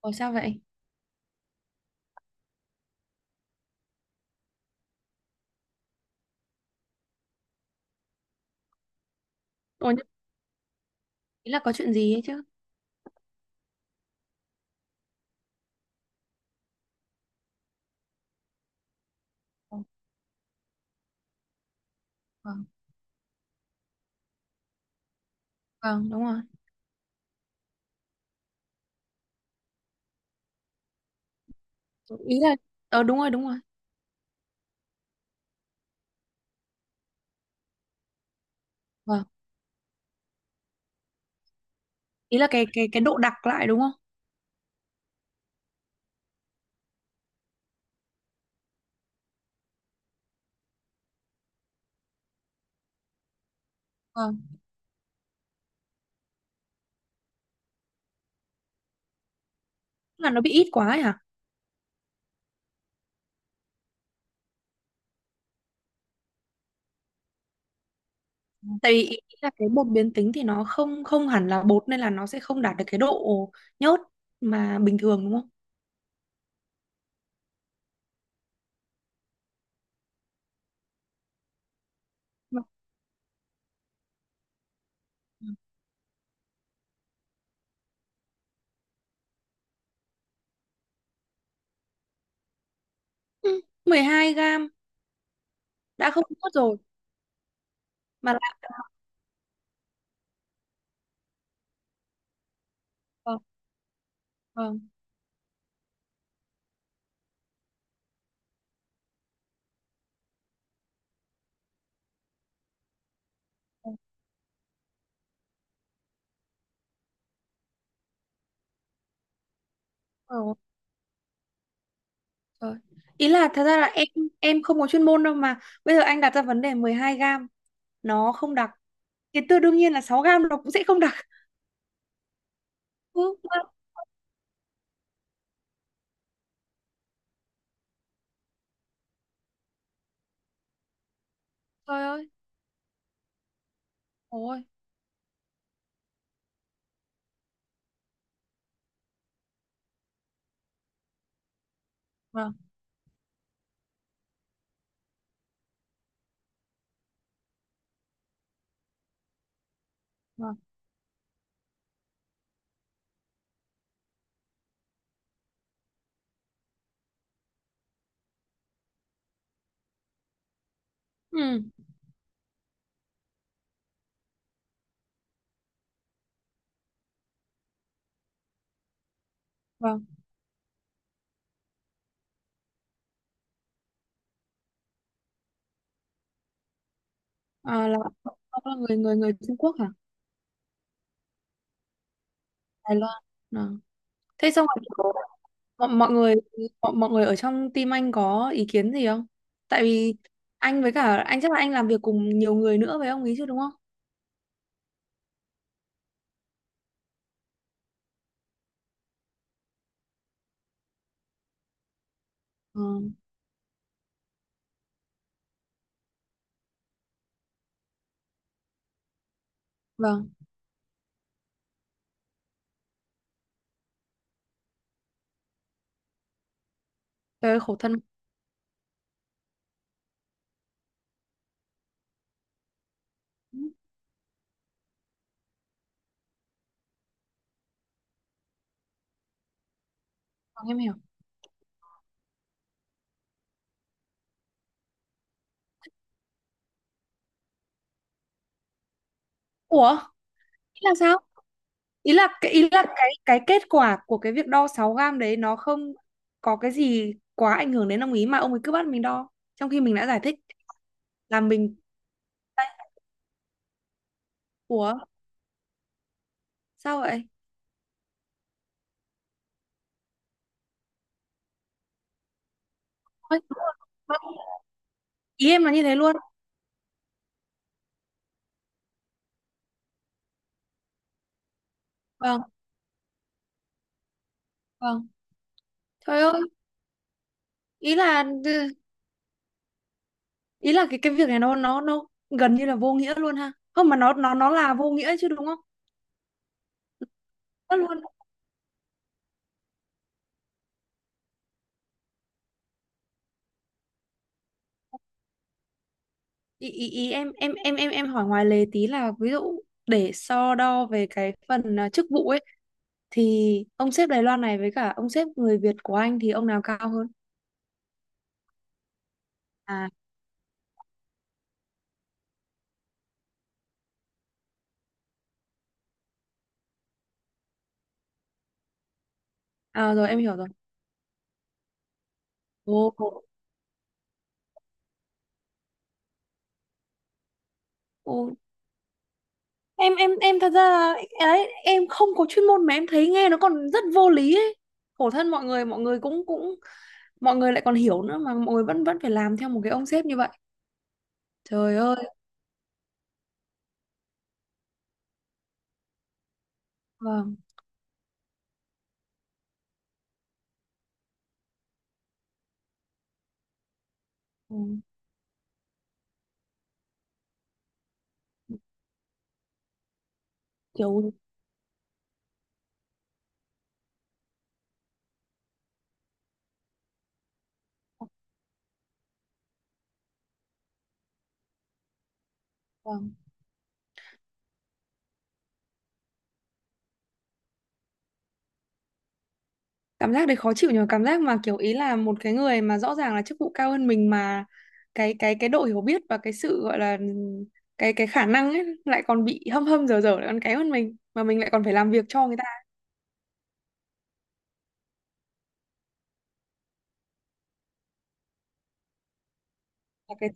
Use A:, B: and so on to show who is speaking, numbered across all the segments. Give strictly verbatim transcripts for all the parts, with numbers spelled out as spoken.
A: Ủa sao vậy? Ủa nhưng ý là có chuyện gì ấy chứ? Vâng, vâng, vâng, đúng rồi. Ý là ờ đúng rồi, đúng rồi. Vâng. Ý là cái cái cái độ đặc lại đúng không? Vâng. Tức là nó bị ít quá ấy hả? Tại vì ý là cái bột biến tính thì nó không không hẳn là bột nên là nó sẽ không đạt được cái độ nhớt mà bình thường đúng không? Vâng. Ừ, mười hai gram đã không nhớt rồi mà lại vâng, vâng. Vâng. Ôi dồi ôi. Trời. Ý là thật ra là em em không có chuyên môn đâu, mà bây giờ anh đặt ra vấn đề mười hai gram nó không đặc, cái tư đương nhiên là sáu gam nó cũng sẽ không đặc. Ừ, vâng. Trời ơi. Ôi. Vâng, vâng, ừ, vâng. À, là ông là người người người Trung Quốc hả Đài Loan à. Thế xong rồi có- mọi, mọi người, mọi, mọi người ở trong team anh có ý kiến gì không? Tại vì anh với cả anh chắc là anh làm việc cùng nhiều người nữa với ông ý chứ đúng không? Ừ, vâng. Trời ơi, khổ thân. Vâng, em hiểu. Ủa thế là sao? Ý là cái ý là cái cái kết quả của cái việc đo sáu gam đấy nó không có cái gì quá ảnh hưởng đến ông ý mà ông ấy cứ bắt mình đo, trong khi mình đã giải thích là mình. Ủa sao vậy? Ôi, ý em là như thế luôn. Vâng, vâng. Trời ơi. Ý là ừ, ý là cái cái việc này nó nó nó gần như là vô nghĩa luôn ha, không mà nó nó nó là vô nghĩa chứ đúng không? Nó luôn. Ý, ý, ý em em em em em hỏi ngoài lề tí là, ví dụ, để so đo về cái phần à, chức vụ ấy, thì ông sếp Đài Loan này với cả ông sếp người Việt của anh thì ông nào cao hơn? À, à, rồi em hiểu rồi. Ồ, ồ. Em em em thật ra là ấy, em không có chuyên môn mà em thấy nghe nó còn rất vô lý ấy. Khổ thân mọi người, mọi người cũng cũng mọi người lại còn hiểu nữa mà mọi người vẫn vẫn phải làm theo một cái ông sếp như vậy. Trời ơi. Vâng. Ừ. Kiểu. Vâng. Cảm giác đấy khó chịu nhờ, cảm giác mà kiểu ý là một cái người mà rõ ràng là chức vụ cao hơn mình mà cái cái cái độ hiểu biết và cái sự gọi là cái cái khả năng ấy lại còn bị hâm hâm dở dở, lại còn kém hơn mình mà mình lại còn phải làm việc cho người ta, là cái.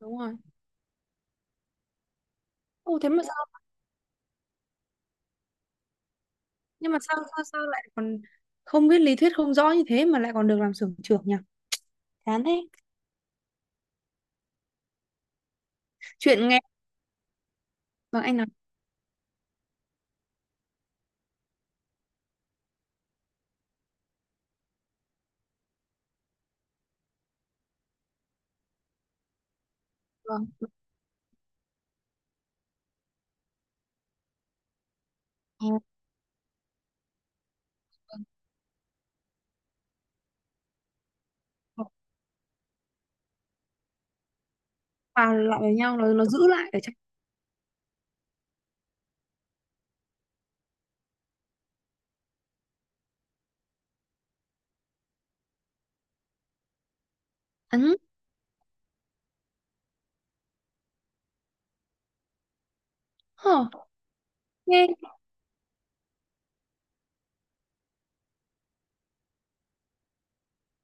A: Đúng rồi. Ô thế mà sao, nhưng mà sao sao sao lại còn không biết lý thuyết, không rõ như thế mà lại còn được làm xưởng trưởng nhỉ? Chán thế. Chuyện nghe. Vâng anh nói. Vâng. Vâng. Hòa lại với nhau, nó nó giữ lại ở trong. Ấn. Hờ. nghe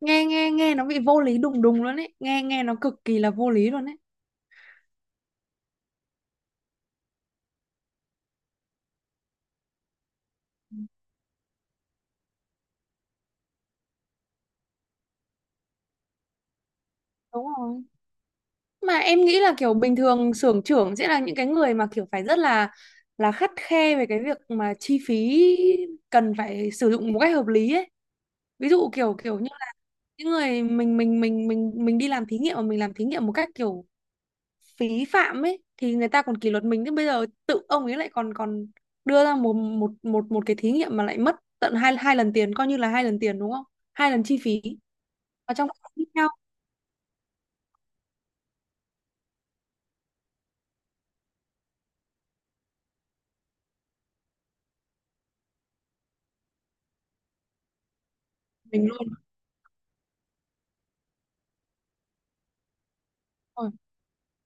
A: nghe nghe nghe nó bị vô lý đùng đùng luôn ấy, nghe nghe nó cực kỳ là vô lý luôn ấy. Đúng rồi, mà em nghĩ là kiểu bình thường xưởng trưởng sẽ là những cái người mà kiểu phải rất là là khắt khe về cái việc mà chi phí cần phải sử dụng một cách hợp lý ấy. Ví dụ kiểu kiểu như là những người mình, mình mình mình mình đi làm thí nghiệm mà mình làm thí nghiệm một cách kiểu phí phạm ấy thì người ta còn kỷ luật mình, thế bây giờ tự ông ấy lại còn còn đưa ra một một một một cái thí nghiệm mà lại mất tận hai hai lần tiền, coi như là hai lần tiền đúng không, hai lần chi phí, và trong cái tiếp theo mình luôn rồi.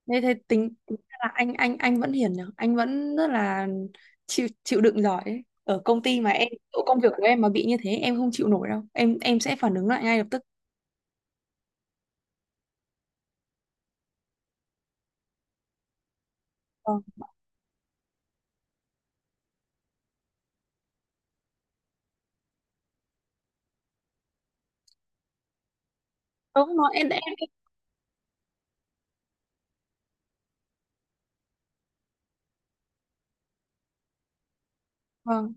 A: Nên thế tính, tính ra là anh anh anh vẫn hiền nhỉ, anh vẫn rất là chịu chịu đựng giỏi ấy. Ở công ty mà em, chỗ công việc của em mà bị như thế em không chịu nổi đâu, em em sẽ phản ứng lại ngay lập tức. Vâng. Đúng rồi. Em em em- vâng.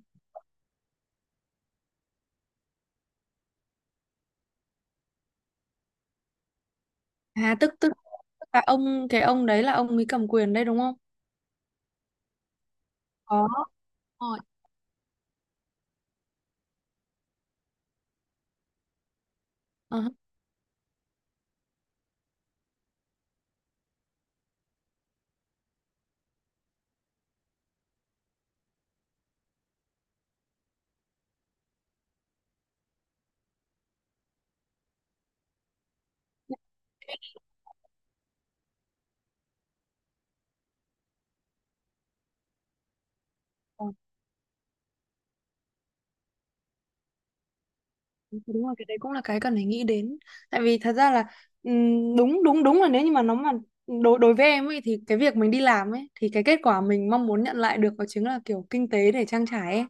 A: À tức tức tức là ông cái ông đấy là ông ấy cầm quyền đây đúng không? Có. Rồi. Ờ, ờ, đúng rồi, cái đấy cũng là cái cần phải nghĩ đến. Tại vì thật ra là ừm, đúng đúng đúng là, nếu như mà nó mà đối đối với em ấy, thì cái việc mình đi làm ấy, thì cái kết quả mình mong muốn nhận lại được đó chính là kiểu kinh tế để trang trải ấy.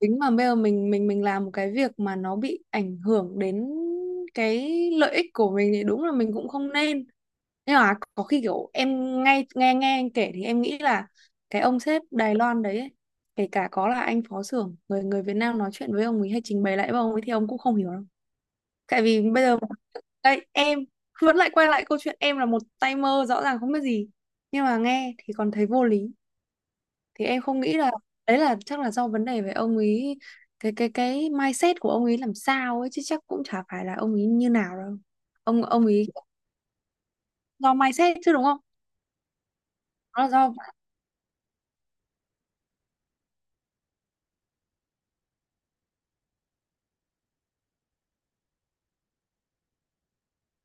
A: Tính mà bây giờ mình mình mình làm một cái việc mà nó bị ảnh hưởng đến cái lợi ích của mình thì đúng là mình cũng không nên. Nhưng mà có khi kiểu em, ngay nghe nghe anh kể, thì em nghĩ là cái ông sếp Đài Loan đấy ấy, kể cả có là anh phó xưởng người người Việt Nam nói chuyện với ông ấy hay trình bày lại với ông ấy thì ông cũng không hiểu đâu. Tại vì bây giờ đây em vẫn lại quay lại câu chuyện em là một tay mơ rõ ràng không biết gì, nhưng mà nghe thì còn thấy vô lý, thì em không nghĩ là đấy, là chắc là do vấn đề về ông ấy, cái cái cái mindset của ông ấy làm sao ấy chứ chắc cũng chả phải là ông ấy như nào đâu. Ông ông ấy do mindset chứ đúng không? Nó là do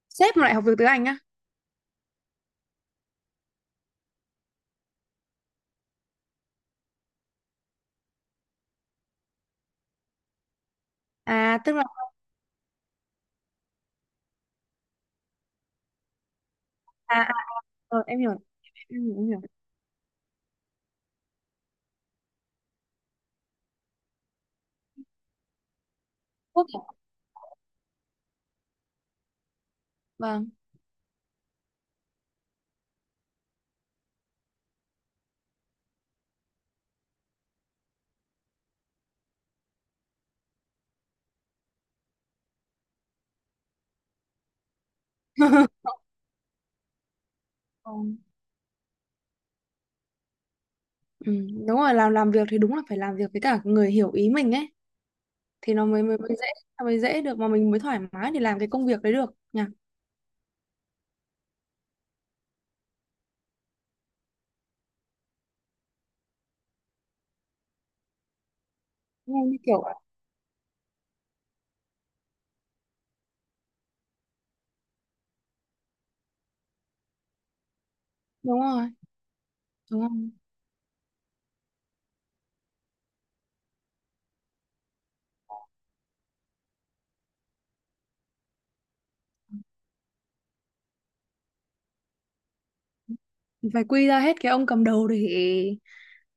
A: sếp mà lại học được tiếng Anh á. À tức là, à, à, rồi em hiểu. Em hiểu, em hiểu. Quốc à? Vâng. Ừ, ừ, đúng rồi, làm làm việc thì đúng là phải làm việc với cả người hiểu ý mình ấy, thì nó mới mới, mới dễ, nó mới dễ được mà mình mới thoải mái để làm cái công việc đấy được nhỉ. Nghe như kiểu đúng rồi, đúng rồi, phải quy ra hết cái ông cầm đầu, để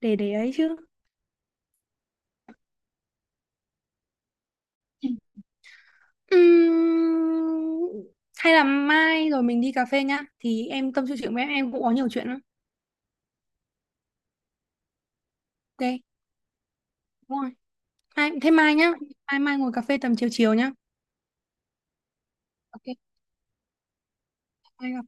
A: để để ấy chứ. Ừm, Hay là mai rồi mình đi cà phê nhá, thì em tâm sự chuyện với em em cũng có nhiều chuyện lắm. Ok, đúng rồi. Mai, thế mai nhá, mai mai ngồi cà phê tầm chiều chiều nhá. Ok, mai gặp.